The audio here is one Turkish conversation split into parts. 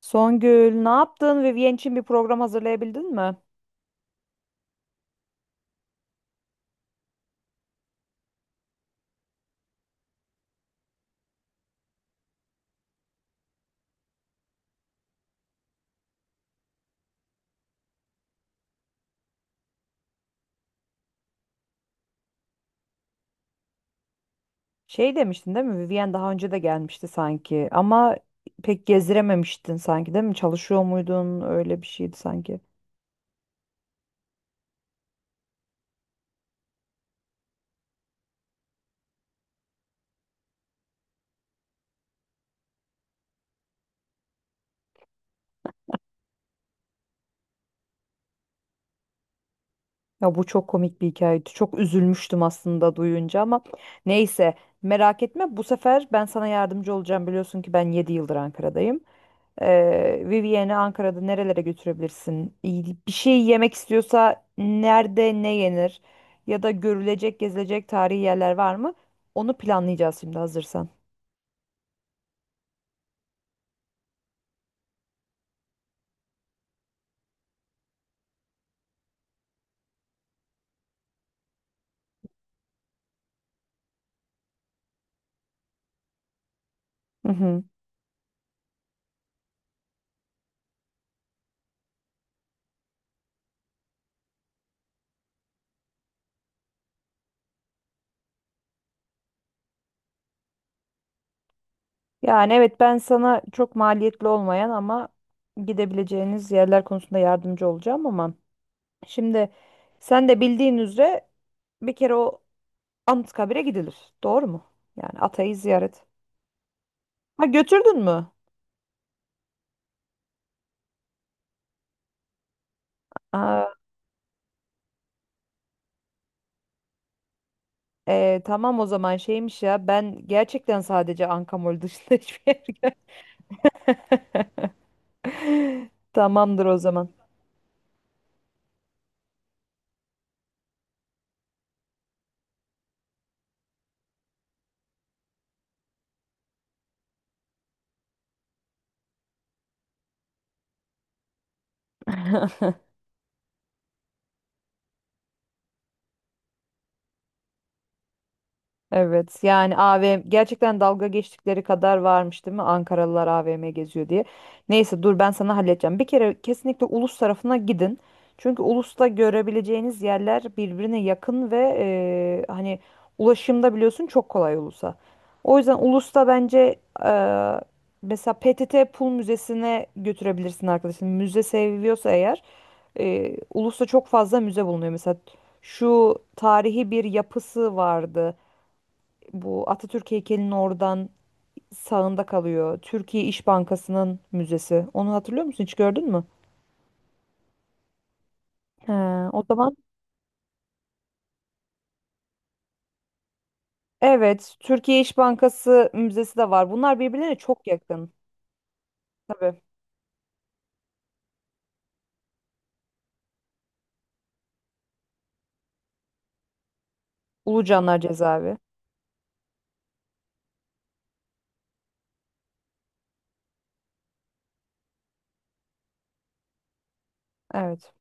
Songül, ne yaptın? Vivien için bir program hazırlayabildin mi? Şey demiştin değil mi? Vivien daha önce de gelmişti sanki ama pek gezdirememiştin sanki değil mi? Çalışıyor muydun? Öyle bir şeydi sanki. Ya bu çok komik bir hikayeydi. Çok üzülmüştüm aslında duyunca ama neyse merak etme bu sefer ben sana yardımcı olacağım. Biliyorsun ki ben 7 yıldır Ankara'dayım. Vivienne'i Ankara'da nerelere götürebilirsin? Bir şey yemek istiyorsa nerede ne yenir? Ya da görülecek, gezilecek tarihi yerler var mı? Onu planlayacağız şimdi hazırsan. Hı hı. Yani evet, ben sana çok maliyetli olmayan ama gidebileceğiniz yerler konusunda yardımcı olacağım ama şimdi sen de bildiğin üzere bir kere o Anıtkabir'e gidilir. Doğru mu? Yani Atay'ı ziyaret. Ha götürdün mü? Aa. Tamam o zaman, şeymiş ya, ben gerçekten sadece Ankamol dışında hiçbir yer Tamamdır o zaman. Evet, yani AVM gerçekten dalga geçtikleri kadar varmış değil mi, Ankaralılar AVM geziyor diye. Neyse, dur ben sana halledeceğim. Bir kere kesinlikle Ulus tarafına gidin. Çünkü Ulus'ta görebileceğiniz yerler birbirine yakın ve hani ulaşımda biliyorsun çok kolay Ulus'a. O yüzden Ulus'ta bence e, mesela PTT Pul Müzesi'ne götürebilirsin arkadaşın. Müze seviyorsa eğer Ulus'ta çok fazla müze bulunuyor. Mesela şu tarihi bir yapısı vardı. Bu Atatürk heykelinin oradan sağında kalıyor. Türkiye İş Bankası'nın müzesi. Onu hatırlıyor musun? Hiç gördün mü? He, o zaman evet, Türkiye İş Bankası müzesi de var. Bunlar birbirlerine çok yakın. Tabii. Ulucanlar Cezaevi. Evet,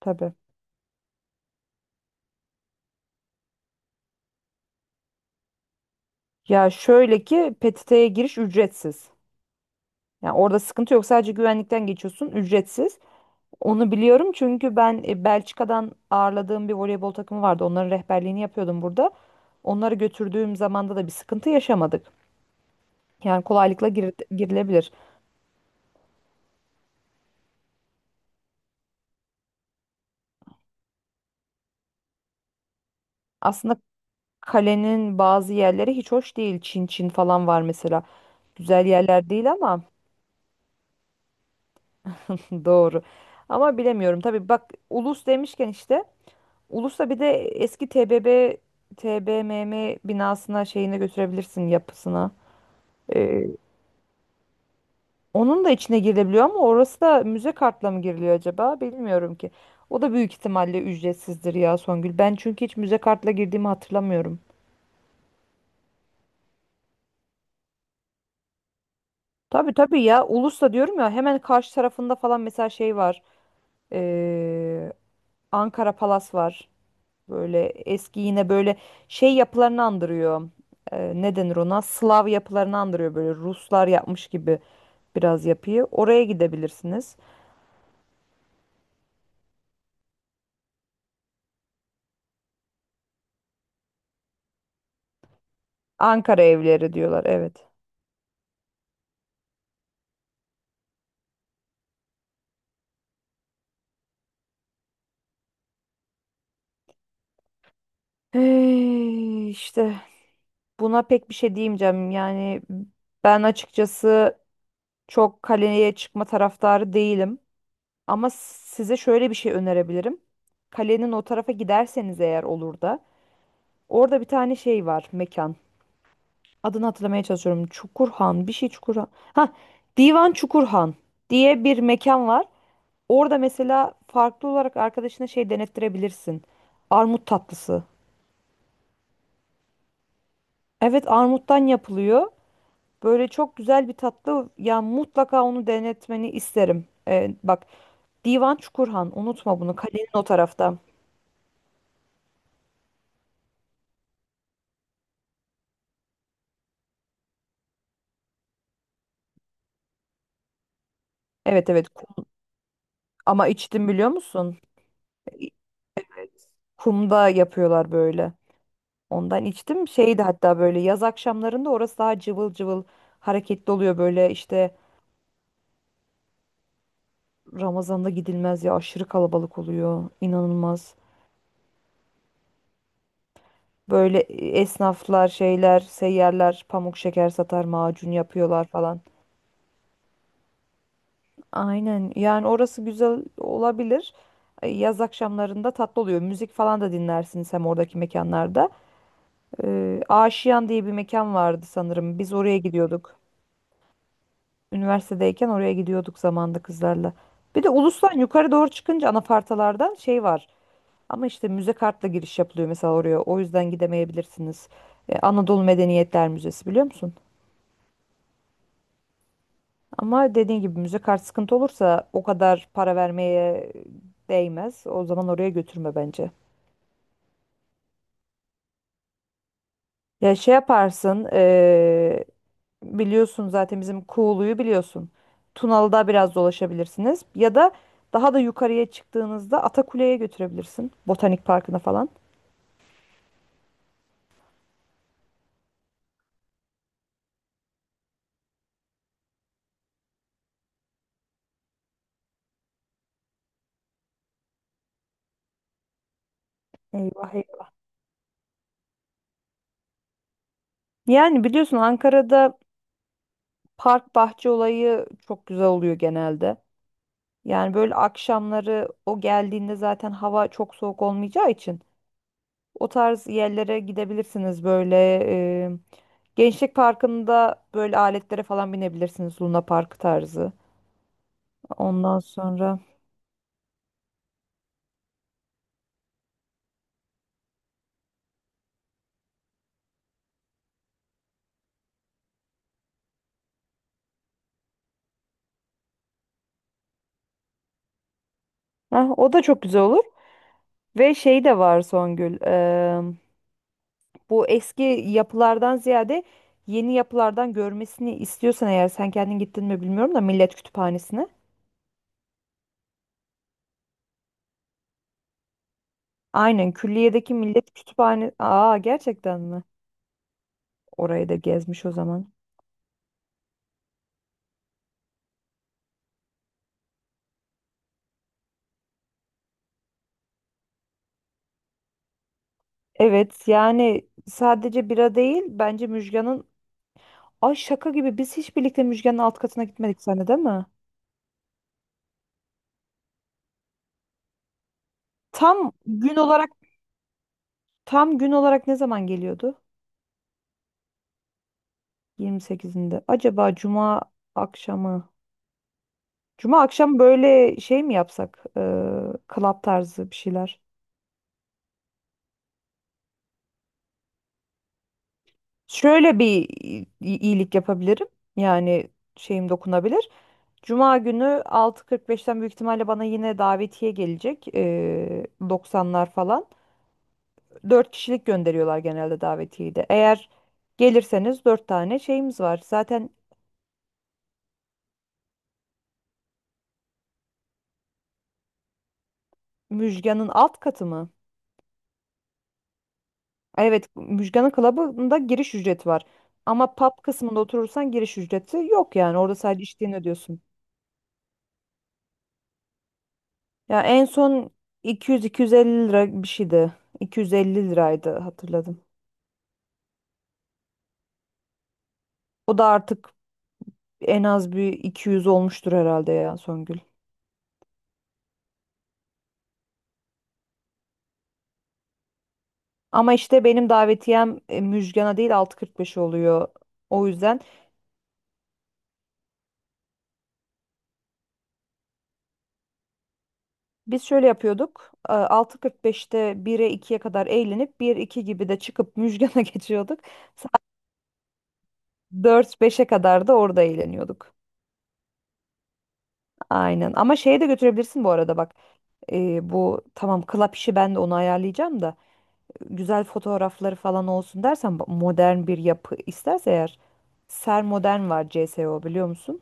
tabii. Ya şöyle ki PTT'ye giriş ücretsiz. Yani orada sıkıntı yok. Sadece güvenlikten geçiyorsun, ücretsiz. Onu biliyorum çünkü ben Belçika'dan ağırladığım bir voleybol takımı vardı. Onların rehberliğini yapıyordum burada. Onları götürdüğüm zamanda da bir sıkıntı yaşamadık. Yani kolaylıkla girilebilir. Aslında kalenin bazı yerleri hiç hoş değil. Çin Çin falan var mesela. Güzel yerler değil ama doğru. Ama bilemiyorum. Tabii bak, Ulus demişken işte Ulus'ta bir de eski TBB TBMM binasına, şeyine götürebilirsin, yapısına. Onun da içine girilebiliyor ama orası da müze kartla mı giriliyor acaba? Bilmiyorum ki. O da büyük ihtimalle ücretsizdir ya Songül. Ben çünkü hiç müze kartla girdiğimi hatırlamıyorum. Tabii tabii ya. Ulus'ta diyorum ya, hemen karşı tarafında falan mesela şey var. Ee, Ankara Palas var. Böyle eski yine böyle şey yapılarını andırıyor. Ne denir ona? Slav yapılarını andırıyor, böyle Ruslar yapmış gibi biraz yapıyı. Oraya gidebilirsiniz. Ankara evleri diyorlar, evet. Hey, işte. Buna pek bir şey diyemeyeceğim. Yani ben açıkçası çok kaleye çıkma taraftarı değilim. Ama size şöyle bir şey önerebilirim. Kalenin o tarafa giderseniz eğer, olur da. Orada bir tane şey var, mekan. Adını hatırlamaya çalışıyorum. Çukurhan, bir şey Çukurhan. Ha, Divan Çukurhan diye bir mekan var. Orada mesela farklı olarak arkadaşına şey denettirebilirsin. Armut tatlısı. Evet, armuttan yapılıyor. Böyle çok güzel bir tatlı. Ya mutlaka onu denetmeni isterim. Bak, Divan Çukurhan, unutma bunu. Kalenin o tarafta. Evet evet, kum. Ama içtim biliyor musun? İ- Kumda yapıyorlar böyle. Ondan içtim. Şeydi hatta, böyle yaz akşamlarında orası daha cıvıl cıvıl, hareketli oluyor, böyle işte. Ramazan'da gidilmez ya, aşırı kalabalık oluyor. İnanılmaz. Böyle esnaflar, şeyler, seyyarlar, pamuk şeker satar, macun yapıyorlar falan. Aynen. Yani orası güzel olabilir. Yaz akşamlarında tatlı oluyor. Müzik falan da dinlersiniz hem oradaki mekanlarda. Aşiyan diye bir mekan vardı sanırım. Biz oraya gidiyorduk. Üniversitedeyken oraya gidiyorduk zamanda, kızlarla. Bir de Ulus'tan yukarı doğru çıkınca anafartalardan şey var. Ama işte müze kartla giriş yapılıyor mesela oraya. O yüzden gidemeyebilirsiniz. Anadolu Medeniyetler Müzesi, biliyor musun? Ama dediğin gibi müze kart sıkıntı olursa, o kadar para vermeye değmez. O zaman oraya götürme bence. Ya şey yaparsın, biliyorsun zaten bizim Kuğulu'yu biliyorsun. Tunalı'da biraz dolaşabilirsiniz. Ya da daha da yukarıya çıktığınızda Atakule'ye götürebilirsin. Botanik Parkı'na falan. Eyvah eyvah. Yani biliyorsun Ankara'da park bahçe olayı çok güzel oluyor genelde. Yani böyle akşamları o geldiğinde zaten hava çok soğuk olmayacağı için. O tarz yerlere gidebilirsiniz böyle. e, Gençlik Parkı'nda böyle aletlere falan binebilirsiniz. Luna Park tarzı. Ondan sonra. Heh, o da çok güzel olur. Ve şey de var Songül. Bu eski yapılardan ziyade yeni yapılardan görmesini istiyorsan eğer, sen kendin gittin mi bilmiyorum da, Millet Kütüphanesi'ne. Aynen, külliyedeki Millet Kütüphane. Aa, gerçekten mi? Orayı da gezmiş o zaman. Evet, yani sadece bira değil bence Müjgan'ın. Ay şaka gibi, biz hiç birlikte Müjgan'ın alt katına gitmedik seninle, değil mi? Tam gün olarak, tam gün olarak ne zaman geliyordu? 28'inde. Acaba cuma akşamı? Cuma akşam böyle şey mi yapsak? Club tarzı bir şeyler. Şöyle bir iyilik yapabilirim. Yani şeyim dokunabilir. Cuma günü 6:45'ten büyük ihtimalle bana yine davetiye gelecek. 90'lar falan. 4 kişilik gönderiyorlar genelde davetiyeyi de. Eğer gelirseniz, 4 tane şeyimiz var. Zaten. Müjgan'ın alt katı mı? Evet, Müjgan'ın klubunda giriş ücreti var. Ama pub kısmında oturursan giriş ücreti yok yani. Orada sadece içtiğini ödüyorsun. Ya en son 200-250 lira bir şeydi. 250 liraydı, hatırladım. O da artık en az bir 200 olmuştur herhalde ya Songül. Ama işte benim davetiyem Müjgan'a değil, 6:45 oluyor. O yüzden. Biz şöyle yapıyorduk. 6:45'te 1'e, 2'ye kadar eğlenip, bir iki gibi de çıkıp Müjgan'a geçiyorduk. Saat dört beşe kadar da orada eğleniyorduk. Aynen. Ama şeye de götürebilirsin bu arada bak. Bu tamam, klap işi ben de onu ayarlayacağım da, güzel fotoğrafları falan olsun dersen bak, modern bir yapı isterse eğer, Ser Modern var, C S, o biliyor musun?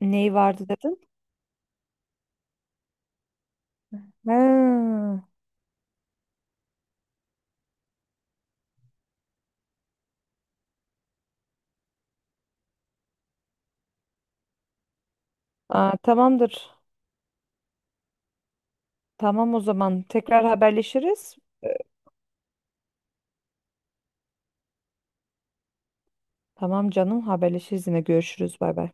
Neyi vardı dedin? Ha. Aa, tamamdır. Tamam o zaman, tekrar haberleşiriz. Tamam canım, haberleşiriz, yine görüşürüz, bay bay.